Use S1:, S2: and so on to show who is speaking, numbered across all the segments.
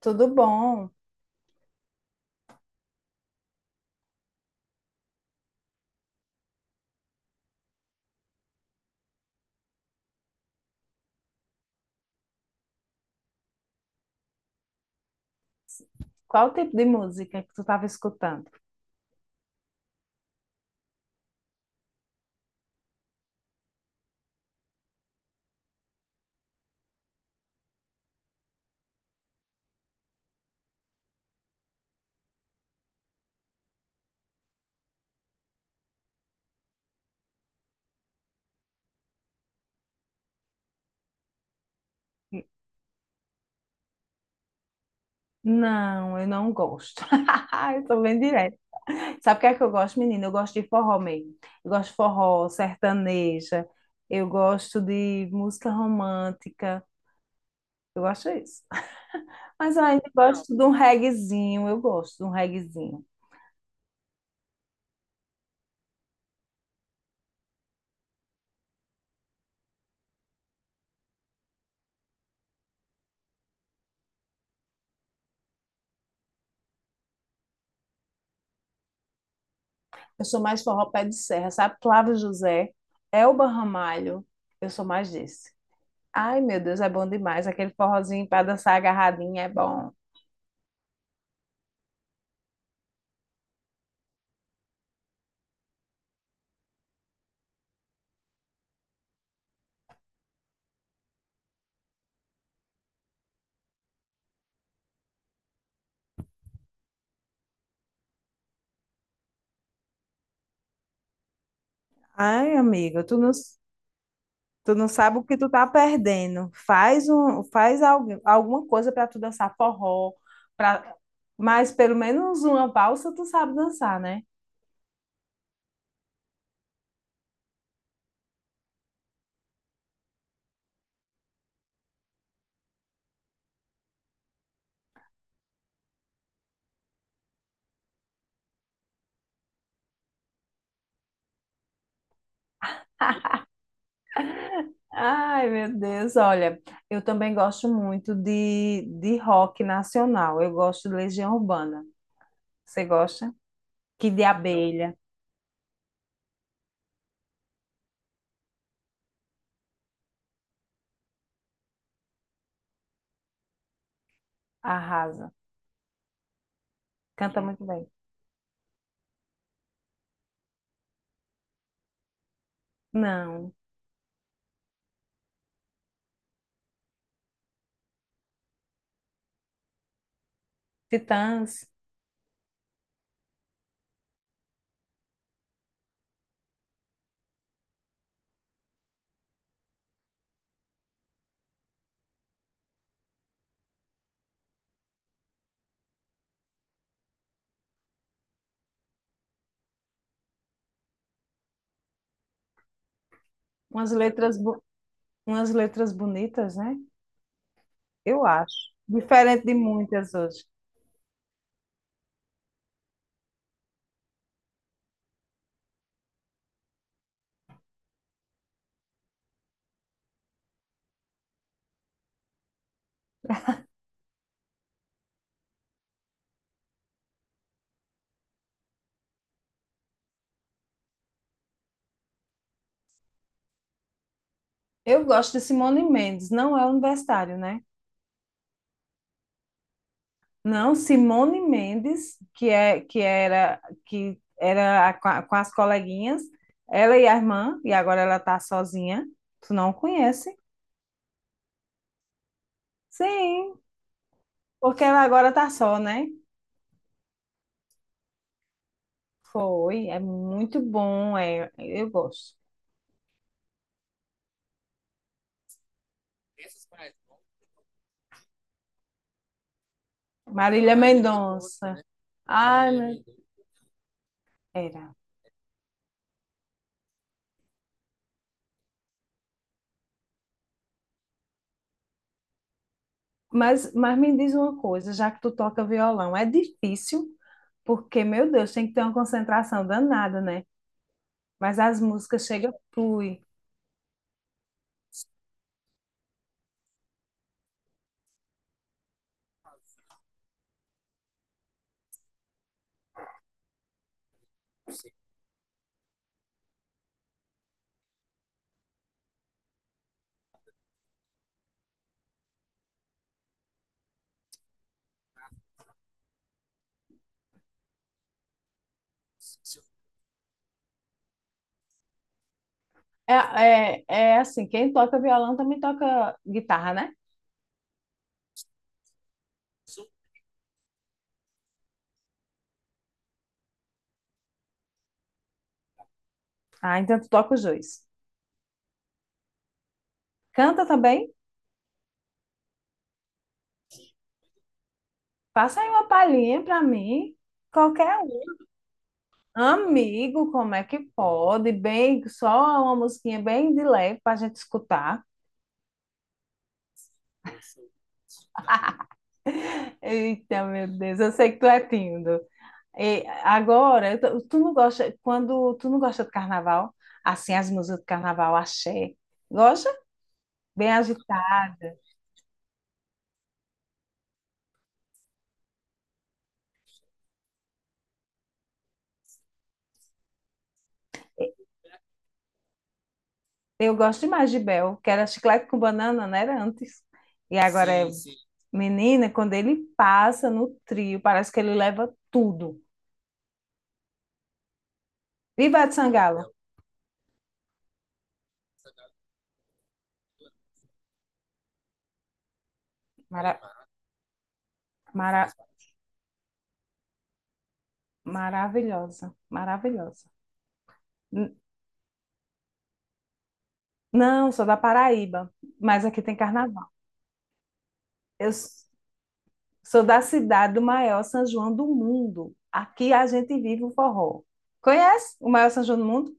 S1: Tudo bom? Qual o tipo de música que tu estava escutando? Não, eu não gosto. Eu sou bem direta. Sabe o que é que eu gosto, menina? Eu gosto de forró mesmo. Eu gosto de forró, sertaneja. Eu gosto de música romântica. Eu gosto disso. Mas eu ainda Não. gosto de um reguezinho, eu gosto de um reguezinho. Eu sou mais forró pé de serra, sabe? Flávio José, Elba Ramalho, eu sou mais desse. Ai, meu Deus, é bom demais. Aquele forrozinho para dançar agarradinho é bom. Ai, amiga, tu não. Tu não sabe o que tu tá perdendo. Faz alguma coisa para tu dançar forró, para mas pelo menos uma valsa tu sabe dançar, né? Ai, meu Deus, olha, eu também gosto muito de rock nacional. Eu gosto de Legião Urbana. Você gosta? Kid de Abelha, arrasa. Canta muito bem. Não, Titãs, umas letras, bo- umas letras bonitas, né? Eu acho. Diferente de muitas hoje. Eu gosto de Simone Mendes, não é universitário, né? Não, Simone Mendes, que é que era com as coleguinhas, ela e a irmã, e agora ela tá sozinha. Tu não conhece? Sim, porque ela agora tá só, né? Foi, é muito bom, é, eu gosto. Marília Mendonça. Ai, meu era. Mas, me diz uma coisa, já que tu toca violão, é difícil, porque, meu Deus, tem que ter uma concentração danada, né? Mas as músicas chegam, flui. É, é assim, quem toca violão também toca guitarra, né? Ah, então tu toca os dois. Canta também? Passa aí uma palhinha pra mim. Qualquer um. Amigo, como é que pode? Bem, só uma musiquinha bem de leve pra gente escutar. Eita, meu Deus, eu sei que tu é tímido. E agora, tu não gosta, quando tu não gosta de carnaval, assim, as músicas do carnaval, axé, gosta? Bem agitada. Eu gosto demais de Bel, que era chiclete com banana, né? Era antes. E agora é menina, quando ele passa no trio, parece que ele leva tudo. Viva de Sangalo! Mara- mara- maravilhosa, maravilhosa. N- Não, sou da Paraíba, mas aqui tem carnaval. Eu s- Sou da cidade do maior São João do mundo. Aqui a gente vive o forró. Conhece o maior São João do mundo?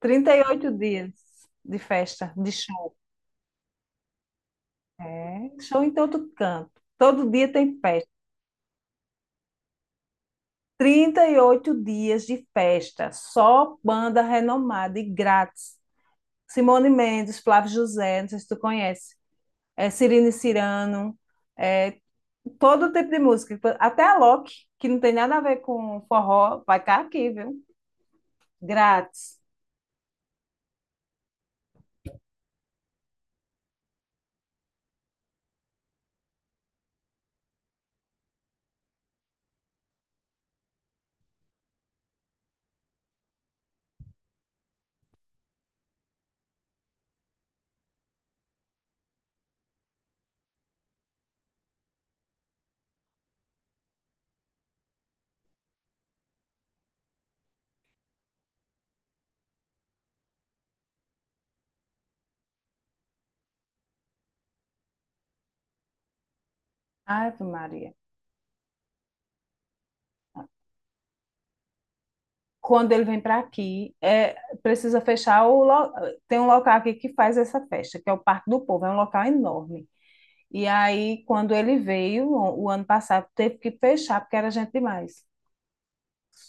S1: 38 dias de festa, de show. É, show em todo canto. Todo dia tem festa. 38 dias de festa, só banda renomada e grátis. Simone Mendes, Flávio José, não sei se tu conhece, é, Cirine Cirano, é, todo tipo de música. Até a Loki, que não tem nada a ver com forró, vai estar aqui, viu? Grátis. Ave Maria. Quando ele vem para aqui, é, precisa fechar Tem um local aqui que faz essa festa, que é o Parque do Povo, é um local enorme. E aí, quando ele veio, o ano passado, teve que fechar, porque era gente demais.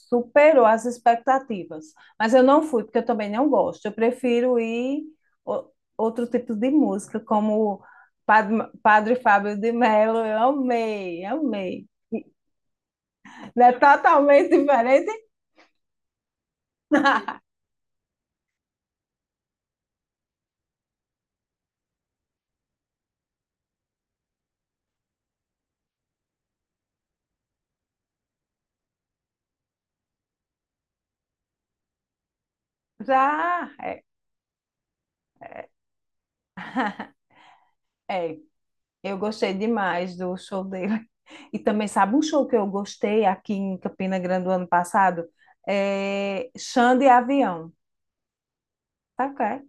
S1: Superou as expectativas. Mas eu não fui, porque eu também não gosto. Eu prefiro ir o- outro tipo de música, como Padre, Padre Fábio de Mello. Eu amei, amei. Não é totalmente diferente? Já, é. Eu gostei demais do show dele. E também, sabe um show que eu gostei aqui em Campina Grande do ano passado? É Xande Avião. Sabe qual é?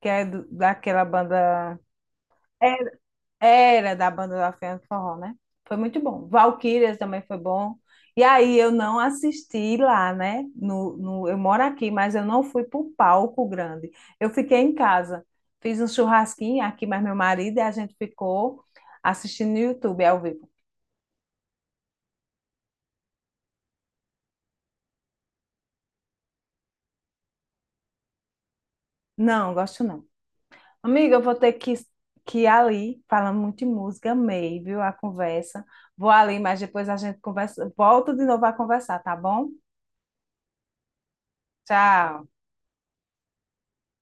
S1: Que é daquela banda. Era, era da banda da Fianna Forró, né? Foi muito bom. Valquírias também foi bom. E aí eu não assisti lá, né? No, no, eu moro aqui, mas eu não fui para o palco grande. Eu fiquei em casa. Fiz um churrasquinho aqui, mas meu marido e a gente ficou assistindo no YouTube ao vivo. Não, gosto não. Amiga, eu vou ter que ir ali, falando muito de música, amei, viu, a conversa. Vou ali, mas depois a gente conversa, volta de novo a conversar, tá bom? Tchau.